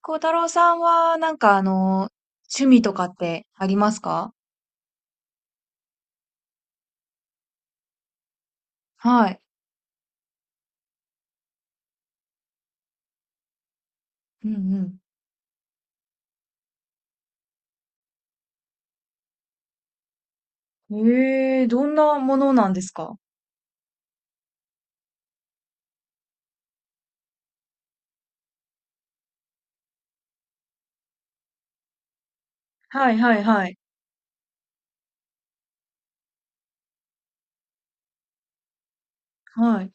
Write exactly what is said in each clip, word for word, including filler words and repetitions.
孝太郎さんは、なんかあの、趣味とかってありますか？はい。うんうん。ええ、どんなものなんですか？はいはいはい。はい。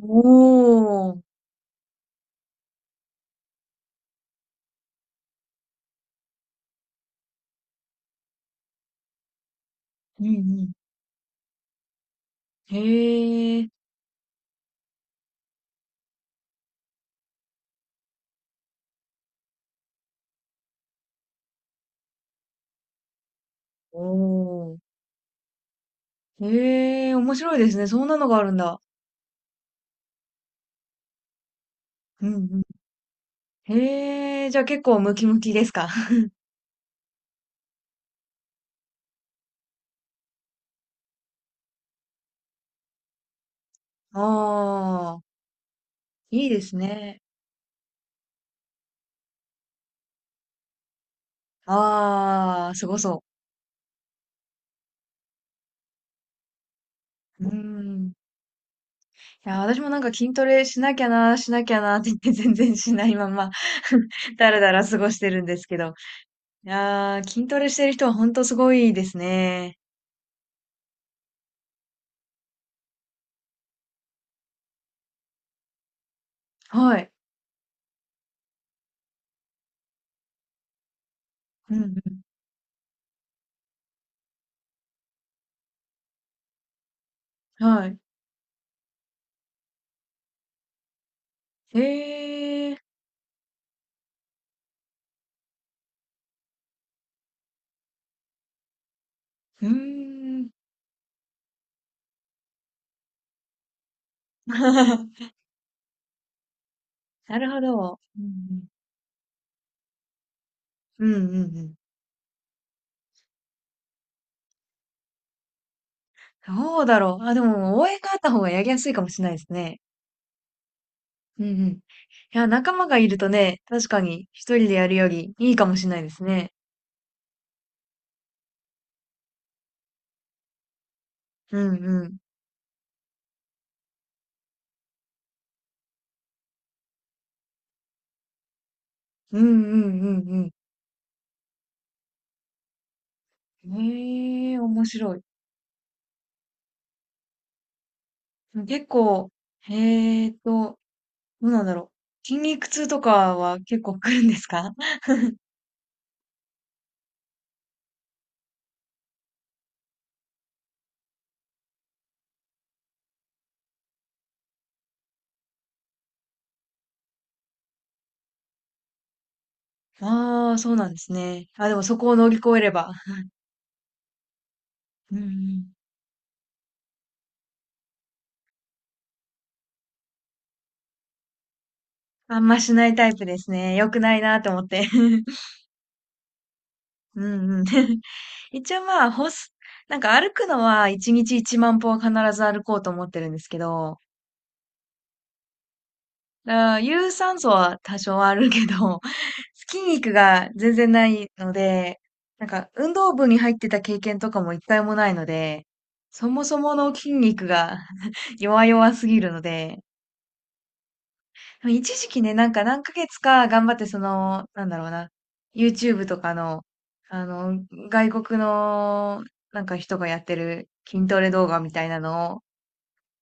おー。うんうん。へえ。おー。へえ、面白いですね。そんなのがあるんだ。うんうん。へえ、じゃあ結構ムキムキですか？ ああ、いいですね。ああ、すごそう。うん。いや、私もなんか筋トレしなきゃな、しなきゃなって言って 全然しないまま だらだら過ごしてるんですけど。いやー、筋トレしてる人は本当すごいですね。はい。うんうん。はい。えー、うーん。なるほど。うんうん。うんうんうん。どうだろう。あ、でも応援があった方がやりやすいかもしれないですね。うんうん。いや、仲間がいるとね、確かに一人でやるよりいいかもしれないですね。うんうん。うんうんうんうん。ええ、面白い。結構、えーと、どうなんだろう。筋肉痛とかは結構来るんですか？ ああ、そうなんですね。あ、でもそこを乗り越えれば。うんうん。あんましないタイプですね。良くないなと思って。うんうん。一応まあ、ほす、なんか歩くのはいちにちいちまん歩は必ず歩こうと思ってるんですけど、だから有酸素は多少はあるけど、筋肉が全然ないので、なんか運動部に入ってた経験とかも一回もないので、そもそもの筋肉が 弱々すぎるので、でも一時期ね、なんか何ヶ月か頑張ってその、なんだろうな、YouTube とかの、あの、外国のなんか人がやってる筋トレ動画みたいなのを、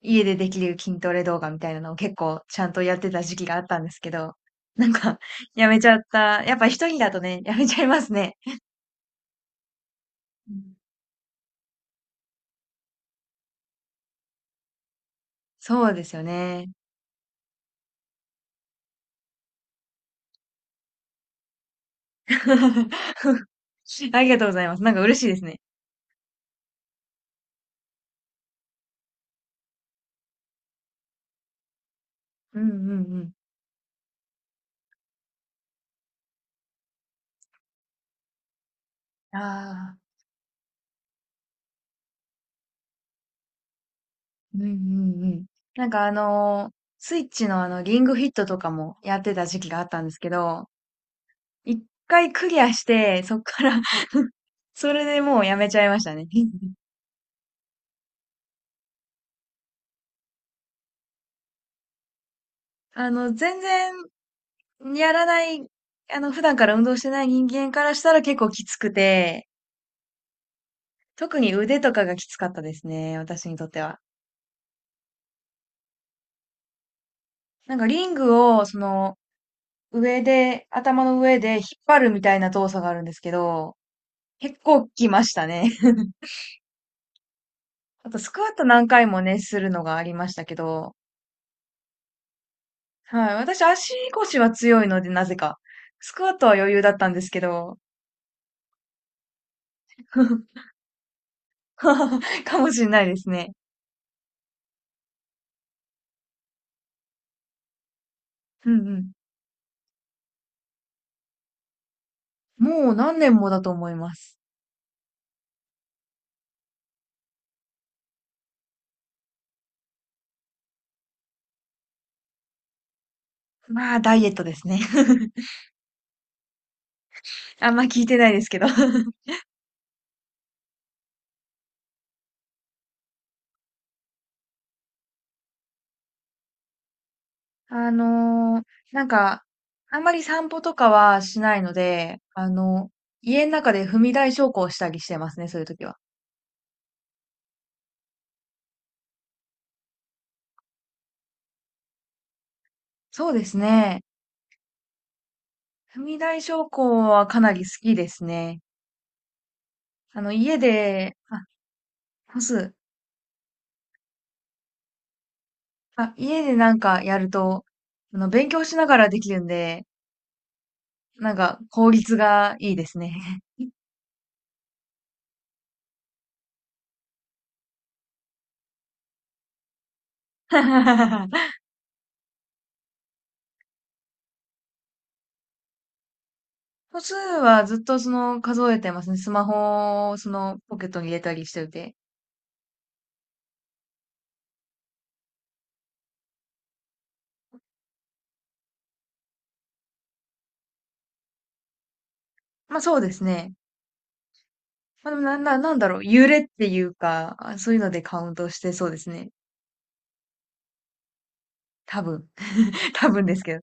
家でできる筋トレ動画みたいなのを結構ちゃんとやってた時期があったんですけど、なんか やめちゃった。やっぱ一人だとね、やめちゃいますね。うん、そうですよね。ありがとうございます。なんか嬉しいですね。うんうんうん。ああ、うんうんうん。なんかあのースイッチのあの、リングフィットとかもやってた時期があったんですけど、一回クリアして、そっから それでもうやめちゃいましたね。あの、全然やらない、あの、普段から運動してない人間からしたら結構きつくて、特に腕とかがきつかったですね、私にとっては。なんかリングを、その、上で、頭の上で引っ張るみたいな動作があるんですけど、結構きましたね。あと、スクワット何回もね、するのがありましたけど、はい。私、足腰は強いので、なぜか。スクワットは余裕だったんですけど、かもしれないですね。うんうん。もう何年もだと思います。まあ、ダイエットですね。あんま聞いてないですけど。あのーなんか、あんまり散歩とかはしないので、あの、家の中で踏み台昇降したりしてますね、そういう時は。そうですね。踏み台昇降はかなり好きですね。あの、家で、あ、干す。あ、家でなんかやると、あの、勉強しながらできるんで、なんか効率がいいですね。歩数はずっとその数えてますね。スマホをそのポケットに入れたりしてて。まあそうですね。まあ、でもな、な、なんだろう、揺れっていうか、あそういうのでカウントしてそうですね。多分。多分ですけど。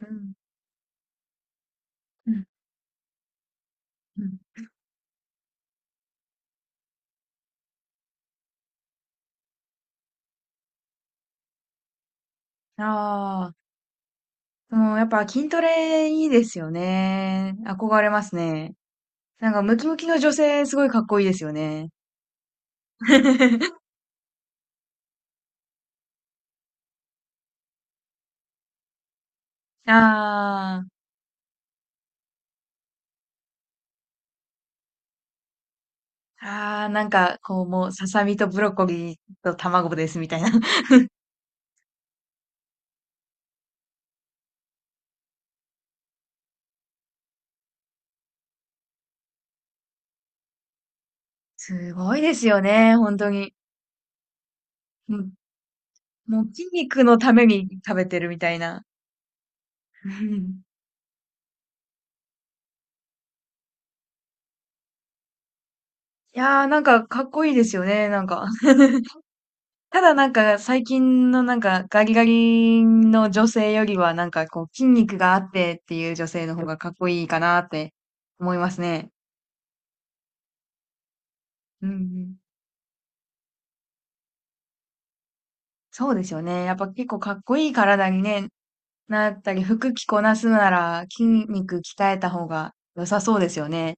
うん。うん。うん。ああ、もうやっぱ筋トレいいですよね。憧れますね。なんかムキムキの女性すごいかっこいいですよね。ああ、ああ、なんかこうもうささみとブロッコリーと卵ですみたいな。すごいですよね、本当に。うんもう筋肉のために食べてるみたいな。うんいやー、なんかかっこいいですよね、なんか。ただなんか最近のなんかガリガリの女性よりはなんかこう筋肉があってっていう女性の方がかっこいいかなって思いますね。うんうん。そうですよね。やっぱ結構かっこいい体にね、なったり服着こなすなら筋肉鍛えた方が良さそうですよね。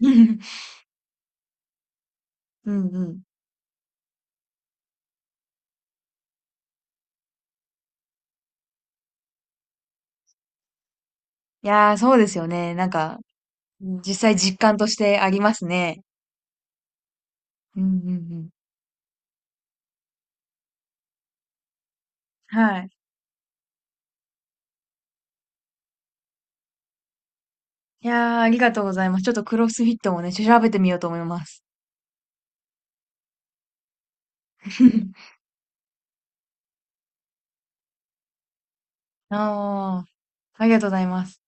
うんうん。いやー、そうですよね。なんか実際実感としてありますね。うんうんうん。はい。いやー、ありがとうございます。ちょっとクロスフィットもね、調べてみようと思います。ああ、ありがとうございます。